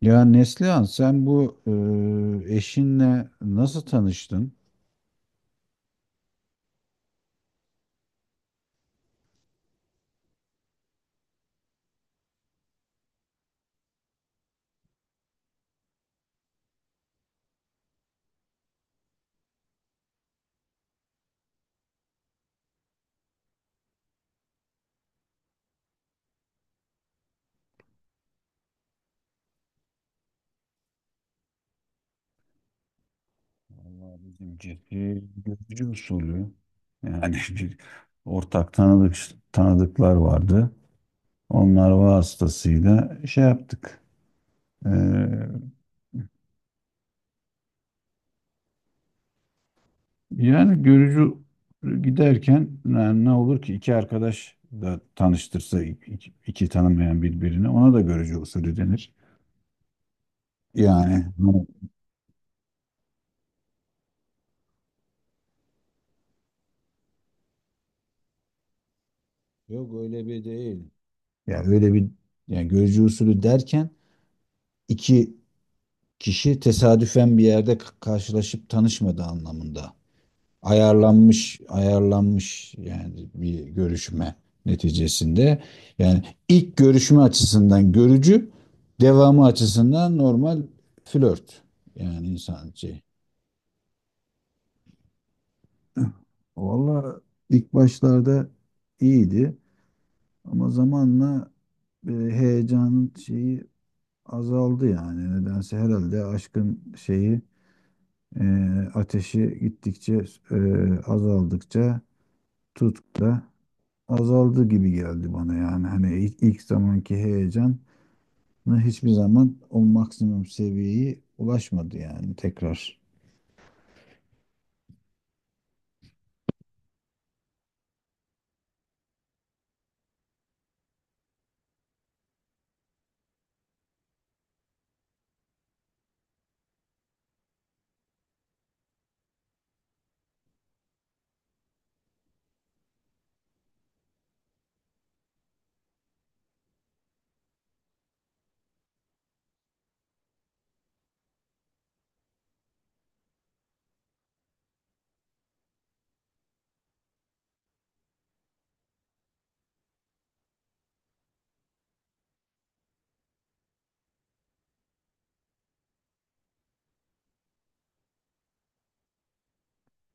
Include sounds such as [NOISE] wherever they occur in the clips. Ya Neslihan sen bu eşinle nasıl tanıştın? Vallahi bizimki gözcü usulü. Yani [LAUGHS] bir ortak tanıdık tanıdıklar vardı. Onlar vasıtasıyla şey yaptık. E, Yani görücü giderken ne olur ki iki arkadaş da tanıştırsa iki tanımayan birbirini, ona da görücü usulü denir. Yani yok, öyle bir değil. Yani öyle bir yani görücü usulü derken iki kişi tesadüfen bir yerde karşılaşıp tanışmadığı anlamında. Ayarlanmış yani bir görüşme neticesinde. Yani ilk görüşme açısından görücü, devamı açısından normal flört. Yani insan şey. Valla ilk başlarda iyiydi ama zamanla heyecanın şeyi azaldı yani. Nedense herhalde aşkın şeyi e, ateşi gittikçe e, azaldıkça tutku da azaldı gibi geldi bana yani. Hani ilk zamanki heyecanı hiçbir zaman o maksimum seviyeye ulaşmadı yani tekrar.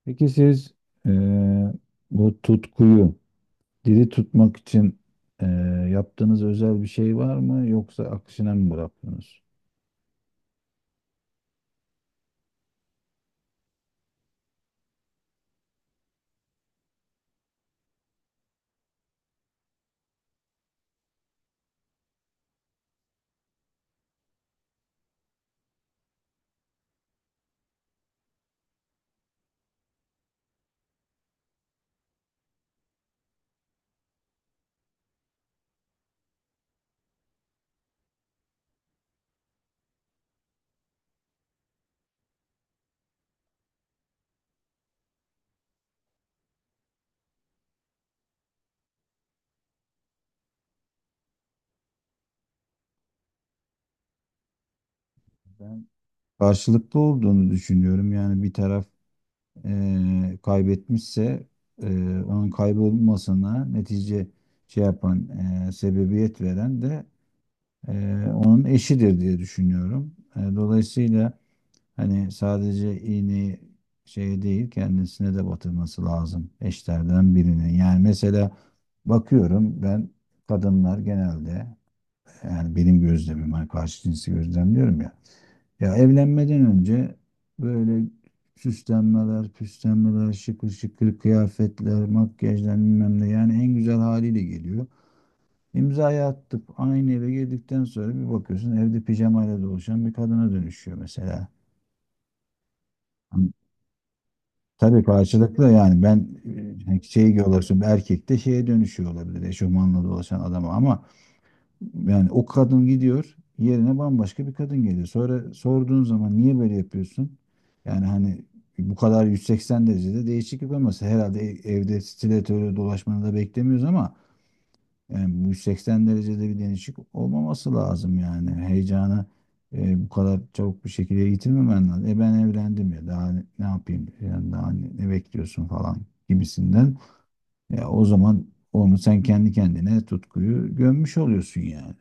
Peki siz e, bu tutkuyu diri tutmak için e, yaptığınız özel bir şey var mı yoksa akışına mı bıraktınız? Ben karşılıklı olduğunu düşünüyorum. Yani bir taraf kaybetmişse, e, onun kaybolmasına netice şey yapan, sebebiyet veren de onun eşidir diye düşünüyorum. E, dolayısıyla hani sadece iğneyi şey değil, kendisine de batırması lazım eşlerden birinin. Yani mesela bakıyorum ben, kadınlar genelde, yani benim gözlemim, hani karşı cinsi gözlemliyorum ya, ya evlenmeden önce böyle süslenmeler, püslenmeler, şıkır şıkır kıyafetler, makyajlar bilmem ne, yani en güzel haliyle geliyor. İmzayı attıp aynı eve girdikten sonra bir bakıyorsun evde pijamayla dolaşan bir kadına dönüşüyor mesela. Hani tabii karşılıklı yani ben hani şey olarak söylüyorum, erkek de şeye dönüşüyor olabilir eşofmanla dolaşan adama ama yani o kadın gidiyor, yerine bambaşka bir kadın geliyor. Sonra sorduğun zaman niye böyle yapıyorsun? Yani hani bu kadar 180 derecede değişiklik olması, herhalde evde stiletörle dolaşmanı da beklemiyoruz ama yani bu 180 derecede bir değişik olmaması lazım yani. Heyecanı bu kadar çabuk bir şekilde yitirmemen lazım. E ben evlendim ya, daha ne yapayım? Yani daha ne bekliyorsun falan gibisinden. Ya o zaman onu sen kendi kendine tutkuyu gömmüş oluyorsun yani.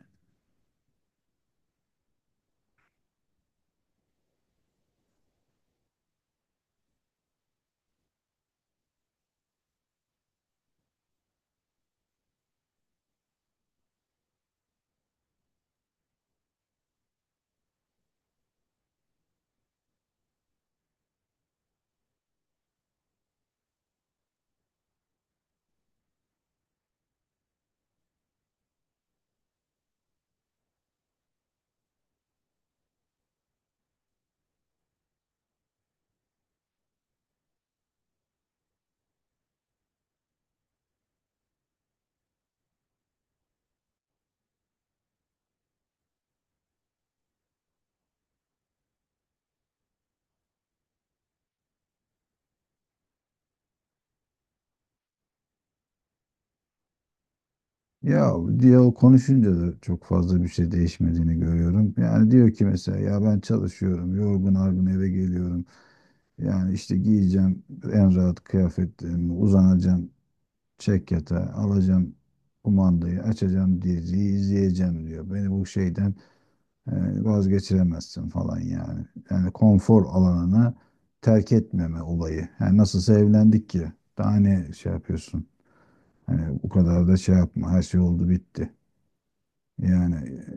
Ya diyalog konuşunca da çok fazla bir şey değişmediğini görüyorum. Yani diyor ki mesela ya ben çalışıyorum, yorgun argın eve geliyorum. Yani işte giyeceğim en rahat kıyafetlerimi, uzanacağım, çek yatağa, alacağım kumandayı, açacağım diziyi, izleyeceğim diyor. Beni bu şeyden yani vazgeçiremezsin falan yani. Yani konfor alanını terk etmeme olayı. Yani nasılsa evlendik ki. Daha ne şey yapıyorsun? Hani bu kadar da şey yapma. Her şey oldu bitti. Yani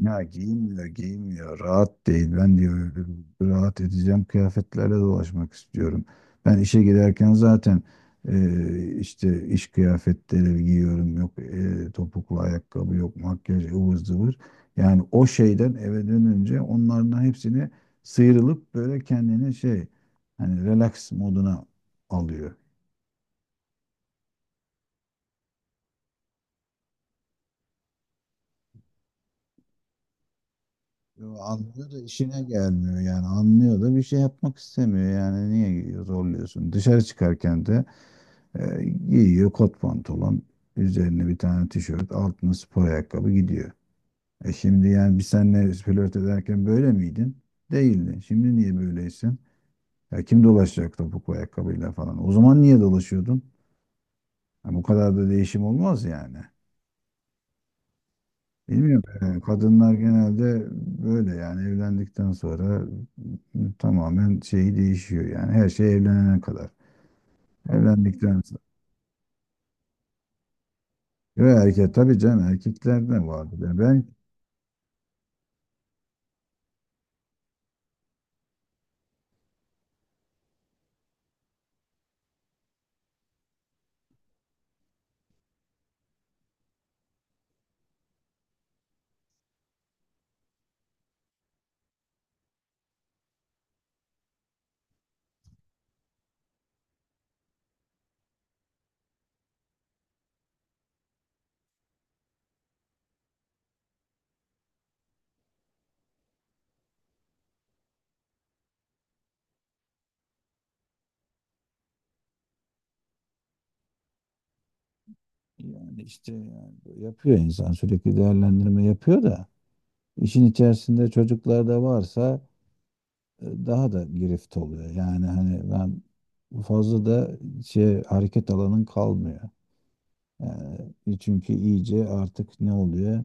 ya giyinmiyor. Rahat değil. Ben diyor rahat edeceğim kıyafetlerle dolaşmak istiyorum. Ben işe giderken zaten işte iş kıyafetleri giyiyorum. Yok e, topuklu ayakkabı, yok makyaj, ıvır zıvır. Yani o şeyden eve dönünce onların hepsini sıyrılıp böyle kendini şey, hani relax moduna alıyor. Yo, anlıyor da işine gelmiyor, yani anlıyor da bir şey yapmak istemiyor yani, niye zorluyorsun? Dışarı çıkarken de Ee, giyiyor kot pantolon, üzerine bir tane tişört, altına spor ayakkabı gidiyor. E şimdi yani biz seninle flört ederken böyle miydin? Değildin. Şimdi niye böyleysin? Ya kim dolaşacak topuklu ayakkabıyla falan? O zaman niye dolaşıyordun? Ha, bu kadar da değişim olmaz yani. Bilmiyorum. Kadınlar genelde böyle, yani evlendikten sonra tamamen şeyi değişiyor, yani her şey evlenene kadar. Evlendikten sonra. Yo, erkek tabii canım, erkeklerde vardı. Yani ben yani işte yani böyle yapıyor insan, sürekli değerlendirme yapıyor da işin içerisinde çocuklar da varsa daha da girift oluyor. Yani hani ben fazla da şey hareket alanın kalmıyor. Yani çünkü iyice artık ne oluyor?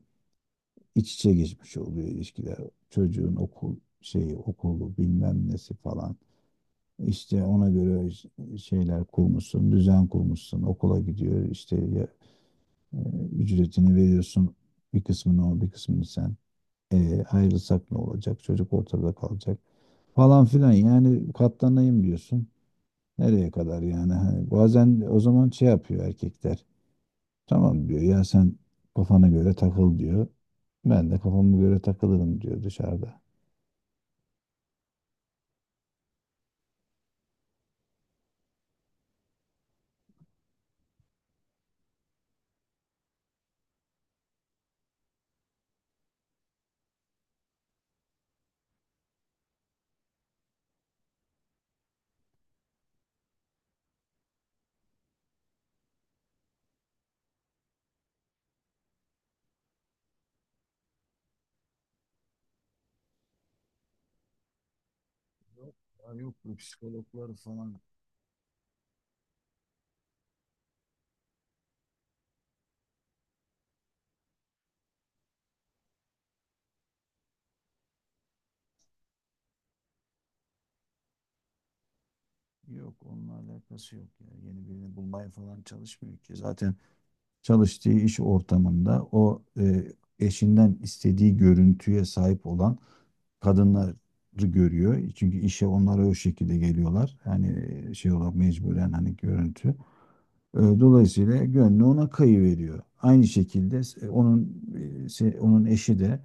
İç içe geçmiş oluyor ilişkiler. Çocuğun okul şeyi, okulu, bilmem nesi falan. İşte ona göre şeyler kurmuşsun, düzen kurmuşsun, okula gidiyor, işte E, ücretini veriyorsun. Bir kısmını o, bir kısmını sen. E, ayrılsak ne olacak? Çocuk ortada kalacak falan filan. Yani katlanayım diyorsun. Nereye kadar yani? Hani bazen o zaman şey yapıyor erkekler. Tamam diyor, ya sen kafana göre takıl diyor. Ben de kafama göre takılırım diyor dışarıda. Yok ya, yok bu psikologlar falan. Yok, onunla alakası yok ya. Yeni birini bulmaya falan çalışmıyor ki. Zaten çalıştığı iş ortamında o eşinden istediği görüntüye sahip olan kadınları görüyor. Çünkü işe onlar o şekilde geliyorlar. Yani şey olarak mecburen hani görüntü. E, dolayısıyla gönlü ona kayıveriyor. Aynı şekilde onun onun eşi de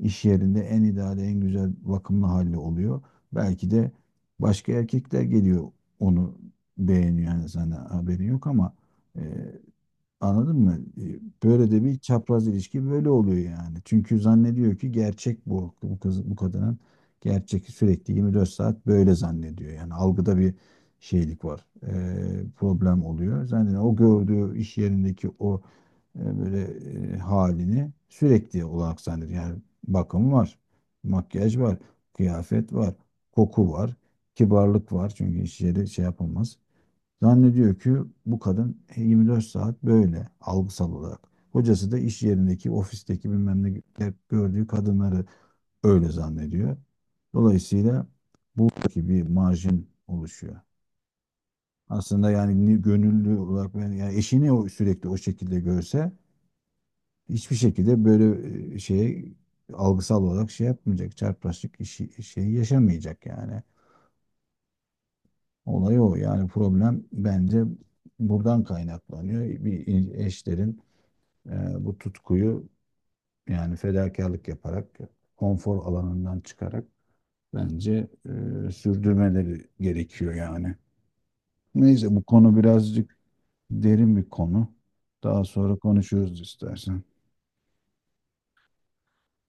iş yerinde en ideal, en güzel bakımlı hali oluyor. Belki de başka erkekler geliyor, onu beğeniyor yani, sana haberin yok ama e, anladın mı? E, böyle de bir çapraz ilişki böyle oluyor yani. Çünkü zannediyor ki gerçek bu. Bu kız, bu kadının gerçek sürekli 24 saat böyle zannediyor. Yani algıda bir şeylik var. E, problem oluyor. Zannediyor o gördüğü iş yerindeki o böyle halini sürekli olarak zannediyor. Yani bakım var, makyaj var, kıyafet var, koku var, kibarlık var. Çünkü iş yeri şey yapılmaz. Zannediyor ki bu kadın 24 saat böyle algısal olarak. Hocası da iş yerindeki, ofisteki bilmem ne, hep gördüğü kadınları öyle zannediyor. Dolayısıyla buradaki bir marjin oluşuyor. Aslında yani gönüllü olarak ben, yani eşini o sürekli o şekilde görse hiçbir şekilde böyle şeye algısal olarak şey yapmayacak. Çarpılaşık işi, şeyi yaşamayacak yani. Olay o. Yani problem bence buradan kaynaklanıyor. Bir eşlerin E, bu tutkuyu yani fedakarlık yaparak, konfor alanından çıkarak bence sürdürmeleri gerekiyor yani. Neyse bu konu birazcık derin bir konu. Daha sonra konuşuruz istersen.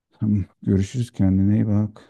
[LAUGHS] Tamam, görüşürüz, kendine iyi bak.